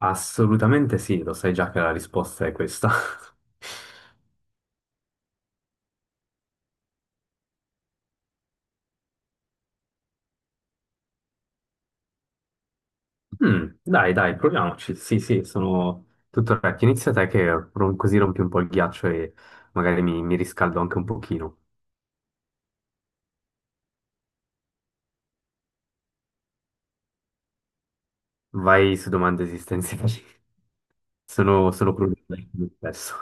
Assolutamente sì, lo sai già che la risposta è questa. Dai, proviamoci. Sì, sono tutto orecchio. Inizia te che così rompi un po' il ghiaccio e magari mi riscaldo anche un pochino. Vai su domande esistenziali. Sono crudele con me stesso.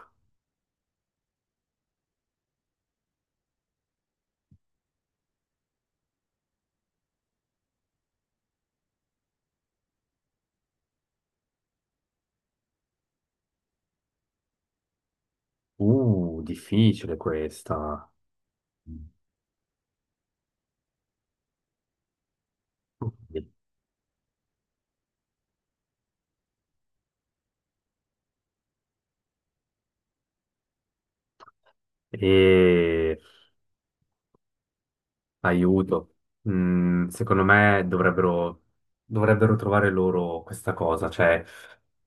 Difficile questa. E... Aiuto. Mm, secondo me dovrebbero, Dovrebbero trovare loro questa cosa, cioè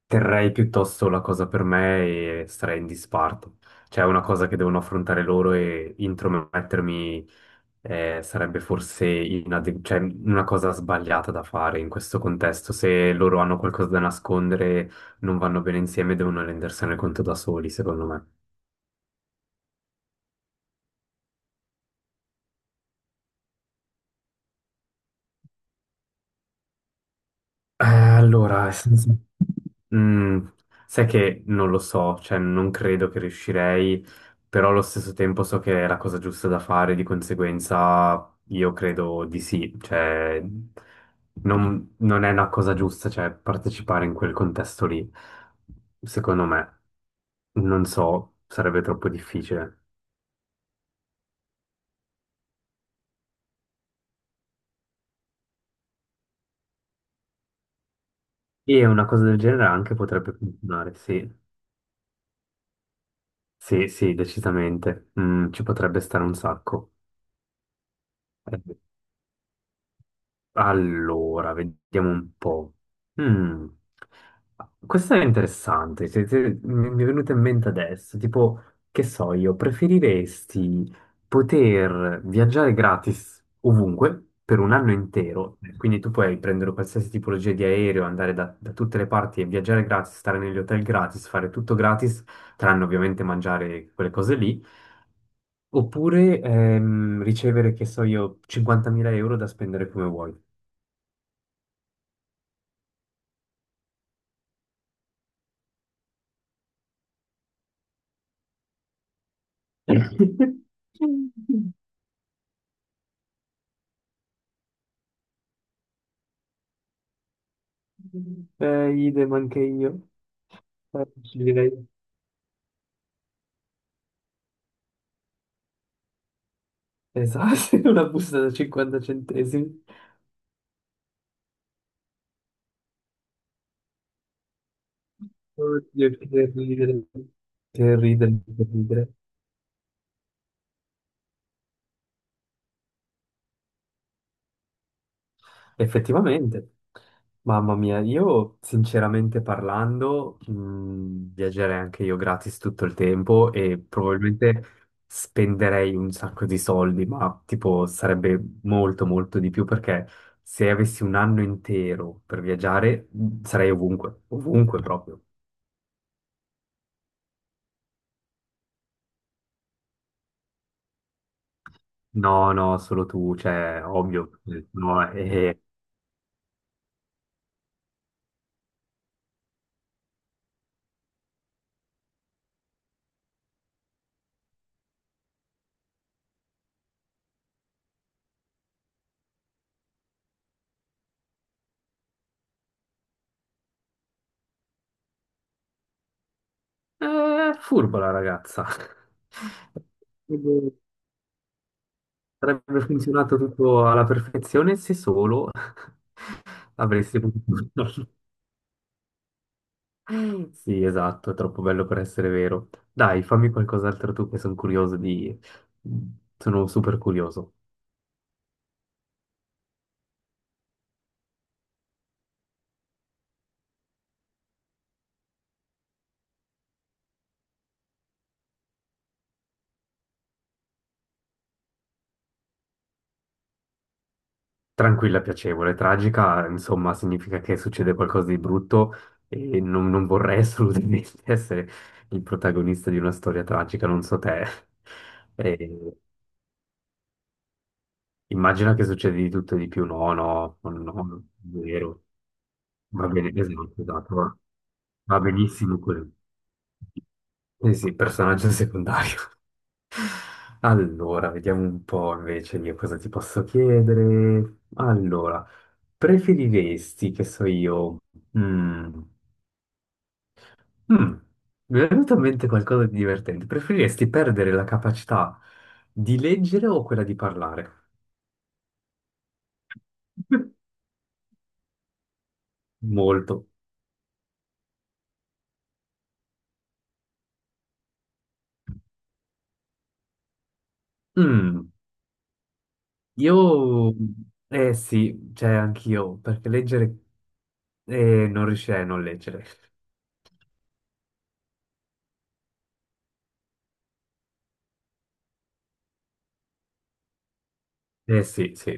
terrei piuttosto la cosa per me e starei in disparto. Cioè è una cosa che devono affrontare loro e intromettermi sarebbe forse cioè, una cosa sbagliata da fare in questo contesto. Se loro hanno qualcosa da nascondere, non vanno bene insieme, devono rendersene conto da soli, secondo me. Allora, nel Mm, sai che non lo so, cioè non credo che riuscirei, però allo stesso tempo so che è la cosa giusta da fare, di conseguenza io credo di sì, cioè non è una cosa giusta, cioè partecipare in quel contesto lì, secondo me, non so, sarebbe troppo difficile. E una cosa del genere anche potrebbe funzionare, sì, sì, decisamente. Mm, ci potrebbe stare un sacco. Allora, vediamo un po'. Mm. Questa è interessante, mi è venuta in mente adesso, tipo, che so io, preferiresti poter viaggiare gratis ovunque per un anno intero, quindi tu puoi prendere qualsiasi tipologia di aereo, andare da tutte le parti e viaggiare gratis, stare negli hotel gratis, fare tutto gratis, tranne ovviamente mangiare quelle cose lì, oppure ricevere, che so io, 50.000 euro da spendere come vuoi. Idem anche io. Ci direi, esatto, una busta da 50 centesimi. Oddio, che ridere, che ridere, che ridere. Effettivamente, mamma mia, io sinceramente parlando, viaggerei anche io gratis tutto il tempo e probabilmente spenderei un sacco di soldi, ma tipo sarebbe molto molto di più perché se avessi un anno intero per viaggiare sarei ovunque, ovunque proprio. No, no, solo tu, cioè, ovvio, no, è furba la ragazza. Sarebbe funzionato tutto alla perfezione se solo avresti potuto farlo. Sì, esatto, è troppo bello per essere vero. Dai, fammi qualcos'altro tu che sono curioso di... Sono super curioso. Tranquilla, piacevole, tragica, insomma, significa che succede qualcosa di brutto e non vorrei assolutamente essere il protagonista di una storia tragica, non so te. E immagina che succede di tutto e di più. No, no, no, no, vero. Va bene, esatto, esatto, va benissimo così. Eh sì, personaggio secondario. Allora, vediamo un po' invece io cosa ti posso chiedere. Allora, preferiresti, che so io, mm, mm, mi è venuto in mente qualcosa di divertente. Preferiresti perdere la capacità di leggere o quella di parlare? Molto. Mm, io, eh sì, cioè anch'io, perché leggere e non riuscirei a non leggere. Eh sì, sì.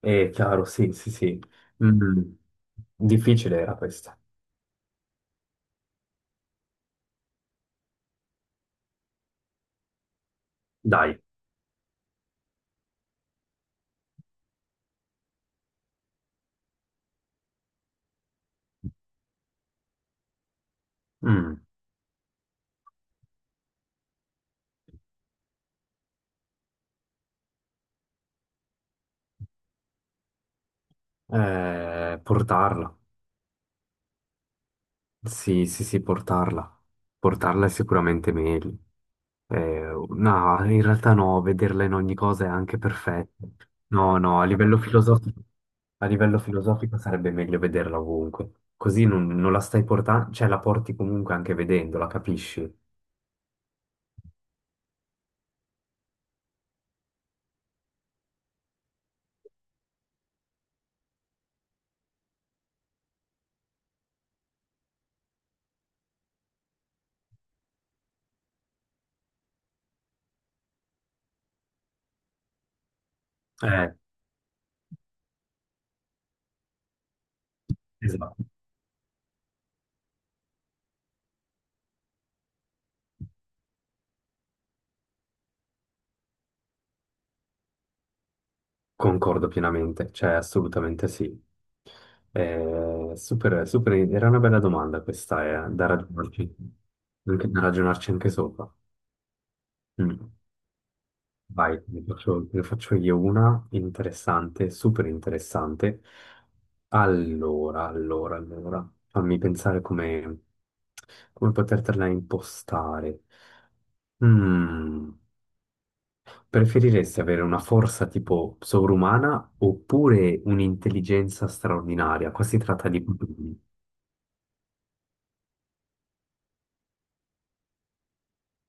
È chiaro, sì, sì, sì. Mm. Difficile era questa. Dai. Mm. Portarla. Sì, sì, sì, portarla. Portarla è sicuramente meglio. No, in realtà no, vederla in ogni cosa è anche perfetto. No, no, a livello filosofico sarebbe meglio vederla ovunque. Così non la stai portando, cioè la porti comunque anche vedendola, capisci? Eh, esatto. Concordo pienamente, cioè assolutamente sì. Super, super, era una bella domanda questa, da ragionarci anche sopra. Mm. Vai, ne faccio io una interessante, super interessante. Allora, fammi pensare come potertela impostare. Mm. Preferiresti avere una forza tipo sovrumana oppure un'intelligenza straordinaria? Qua si tratta di...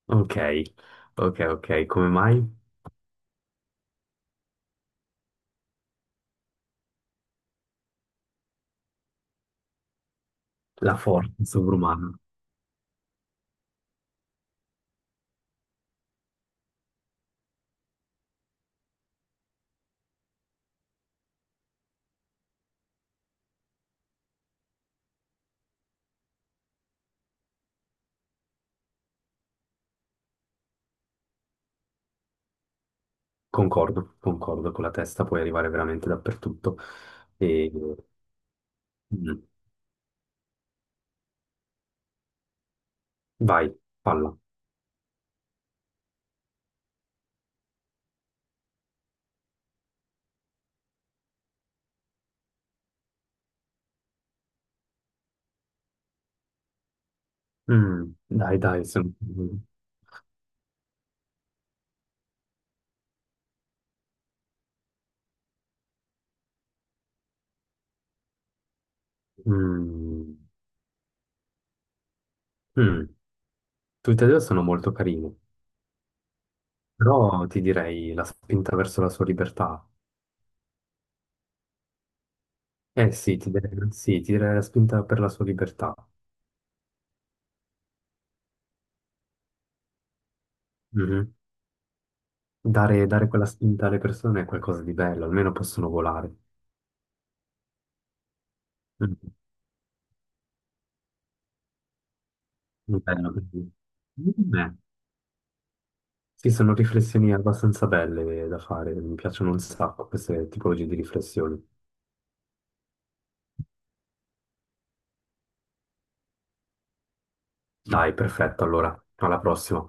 Ok, ok, come mai? La forza sovrumana. Concordo, concordo, con la testa puoi arrivare veramente dappertutto. E... mm, Vai, palla. Mm, dai, dai, sono... Mm, mm. Tutte e due sono molto carine, però ti direi la spinta verso la sua libertà. Eh sì, sì, ti deve la spinta per la sua libertà. Mhm. Dare quella spinta alle persone è qualcosa di bello, almeno possono volare. Mhm. Bello, quindi. Beh, sì, sono riflessioni abbastanza belle da fare, mi piacciono un sacco queste tipologie di riflessioni. Dai, perfetto, allora, alla prossima.